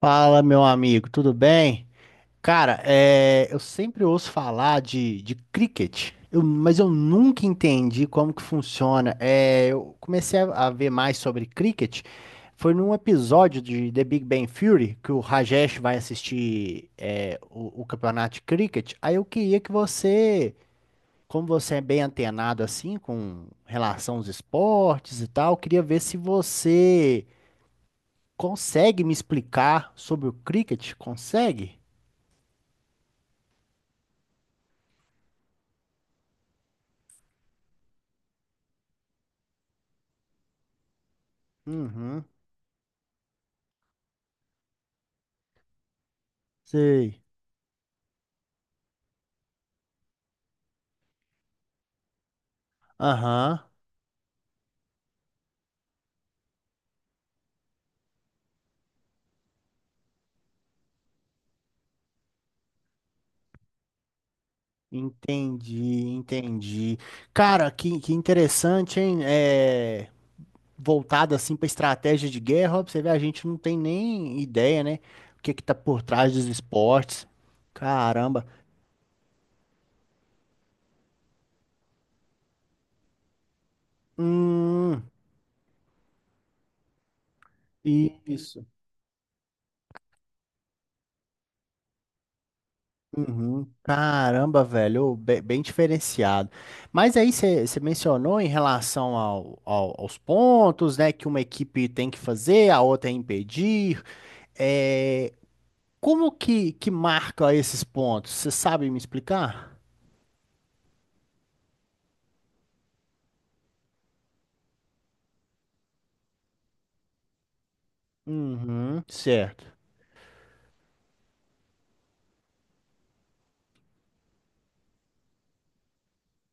Fala, meu amigo, tudo bem? Cara, é, eu sempre ouço falar de cricket, mas eu nunca entendi como que funciona. Eu comecei a ver mais sobre cricket, foi num episódio de The Big Bang Theory que o Rajesh vai assistir o campeonato de cricket. Aí eu queria que você, como você é bem antenado assim com relação aos esportes e tal, eu queria ver se você consegue me explicar sobre o cricket? Consegue? Uhum. Sei. Aham. Entendi, entendi. Cara, que interessante, hein? É, voltado assim pra estratégia de guerra, ó, pra você ver, a gente não tem nem ideia, né? O que é que tá por trás dos esportes. Caramba. Hum, isso. Uhum. Caramba, velho, ô, bem, diferenciado. Mas aí você mencionou em relação aos pontos, né, que uma equipe tem que fazer, a outra é impedir. É, como que marca esses pontos? Você sabe me explicar? Uhum, certo.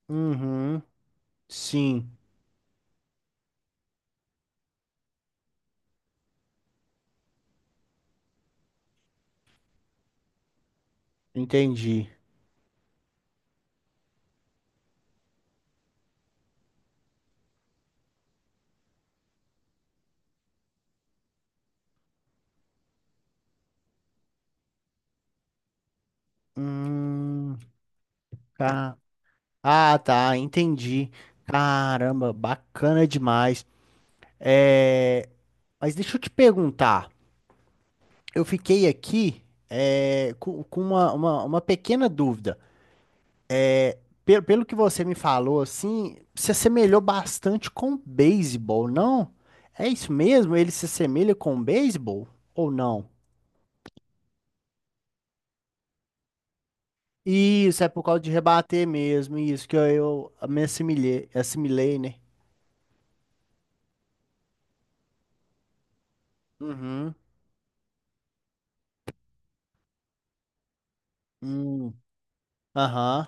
Uhum, sim, entendi. Hum, tá. Ah, tá, entendi. Caramba, bacana demais. É, mas deixa eu te perguntar. Eu fiquei aqui é, com uma pequena dúvida. Pelo que você me falou, assim, se assemelhou bastante com o beisebol, não? É isso mesmo? Ele se assemelha com o beisebol ou não? Isso, é por causa de rebater mesmo, isso que eu me assimilei, né? Uhum. Hum. Aham.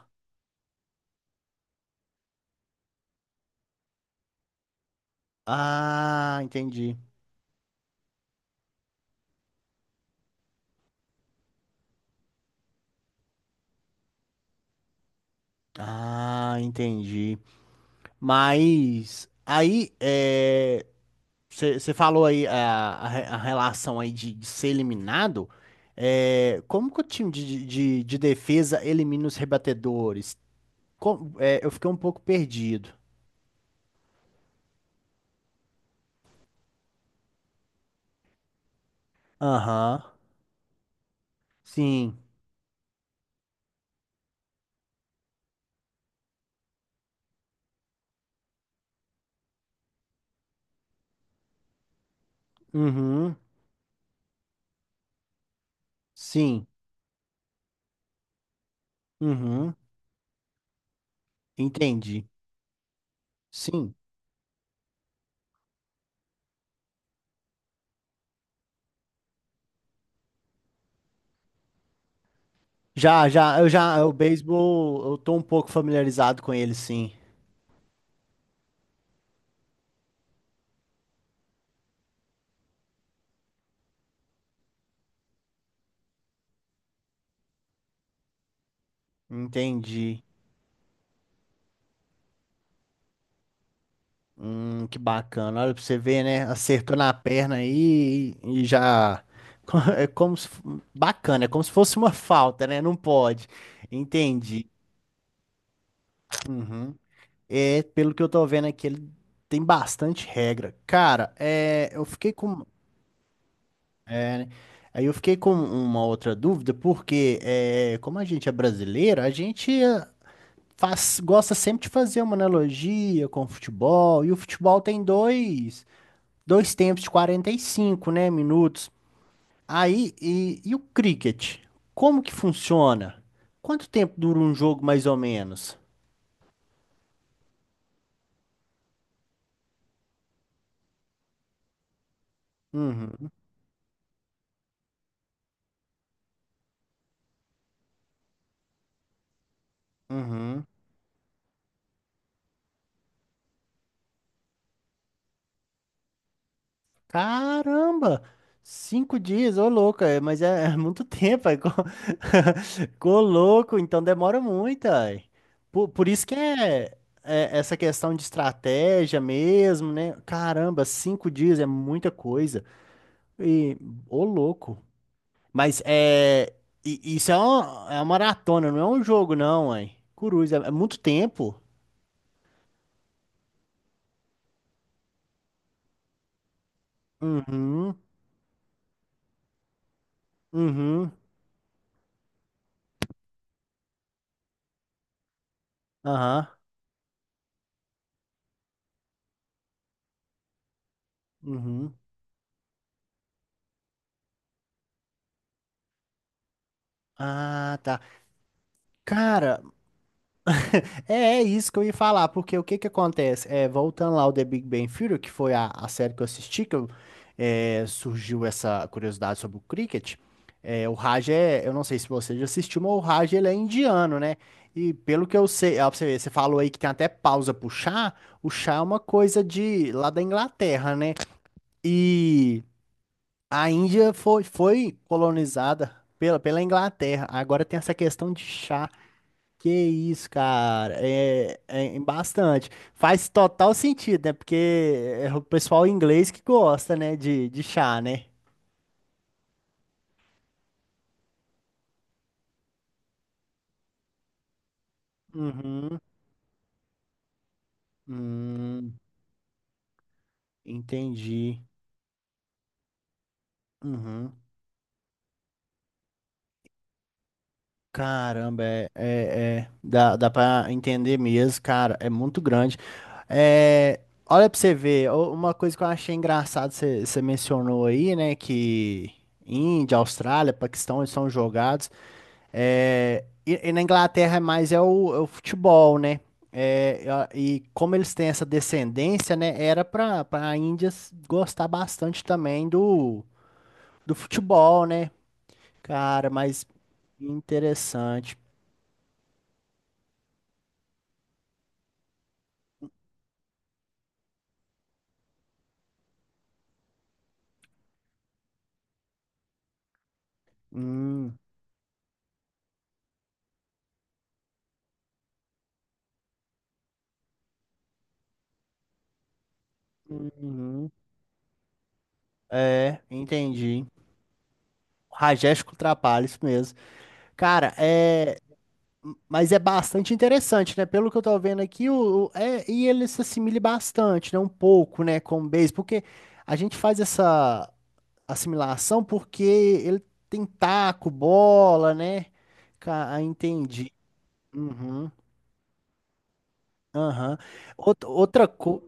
Ah, entendi. Ah, entendi. Mas aí, é, você falou aí a relação aí de ser eliminado. É, como que o time de defesa elimina os rebatedores? Eu fiquei um pouco perdido. Aham. Sim. Uhum. Sim. Uhum. Entendi. Sim. Eu já, o beisebol, eu tô um pouco familiarizado com ele, sim. Entendi. Que bacana. Olha pra você ver, né? Acertou na perna aí e já. É como se. Bacana, é como se fosse uma falta, né? Não pode. Entendi. Uhum. É, pelo que eu tô vendo aqui, ele tem bastante regra. Cara, é, eu fiquei com. É, né? Aí eu fiquei com uma outra dúvida, porque é, como a gente é brasileiro, a gente é, faz, gosta sempre de fazer uma analogia com o futebol, e o futebol tem dois tempos de 45, né, minutos. E o cricket? Como que funciona? Quanto tempo dura um jogo, mais ou menos? Uhum, uhum. Caramba! 5 dias, ô louco, é, mas é, é muito tempo, ô louco, então demora muito, aí. Por isso que é, é essa questão de estratégia mesmo, né? Caramba, cinco dias é muita coisa. E, ô louco. Mas é. Isso é uma maratona, não é um jogo, não, ué. Coruja, é é muito tempo. Uhum, uhum, aham, uhum. Ah, tá. Cara, é, é isso que eu ia falar, porque o que que acontece? É, voltando lá ao The Big Bang Theory, que foi a série que eu assisti, que eu, é, surgiu essa curiosidade sobre o cricket. É, o Raj é, eu não sei se você já assistiu, mas o Raj ele é indiano, né? E pelo que eu sei, ó, pra você ver, você falou aí que tem até pausa pro chá, o chá é uma coisa de lá da Inglaterra, né? E a Índia foi colonizada pela Inglaterra. Agora tem essa questão de chá. Que isso, cara, é, é bastante. Faz total sentido, né? Porque é o pessoal inglês que gosta, né, de chá, né? Uhum. Hum, entendi. Uhum. Caramba, é, é, é. Dá pra entender mesmo, cara, é muito grande. É, olha pra você ver, o- uma coisa que eu achei engraçado, você mencionou aí, né, que Índia, Austrália, Paquistão, eles são jogados. É, e na Inglaterra é mais é o futebol, né? É, e como eles têm essa descendência, né? Era para a Índia gostar bastante também do, do futebol, né? Cara, mas interessante. Hum, uhum. É, entendi. Rajesh Kutrapali, isso mesmo. Cara, é. Mas é bastante interessante, né? Pelo que eu tô vendo aqui, é, e ele se assimile bastante, né? Um pouco, né? Com o base, porque a gente faz essa assimilação porque ele tem taco, bola, né? Ah, entendi. Uhum, aham. Outra, outra coisa.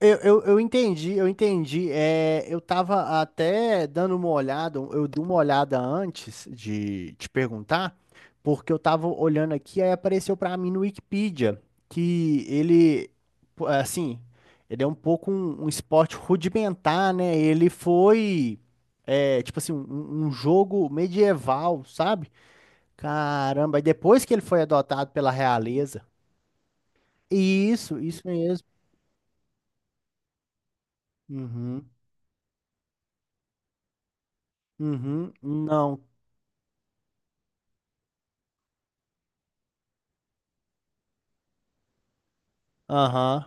Eu entendi, eu entendi. É, eu tava até dando uma olhada, eu dei uma olhada antes de te perguntar, porque eu tava olhando aqui, aí apareceu pra mim no Wikipedia que ele, pô, assim, ele é um pouco um esporte rudimentar, né? Ele foi, é, tipo assim, um jogo medieval, sabe? Caramba, e depois que ele foi adotado pela realeza. Isso mesmo. Uhum. Uhum. Não, aham,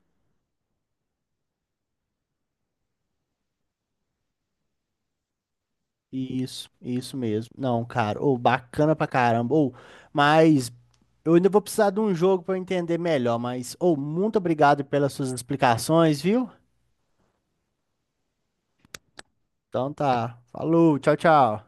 isso mesmo. Não, cara, ou bacana pra caramba. Ou, mas eu ainda vou precisar de um jogo pra eu entender melhor, mas ou muito obrigado pelas suas explicações, viu? Então tá. Falou, tchau, tchau.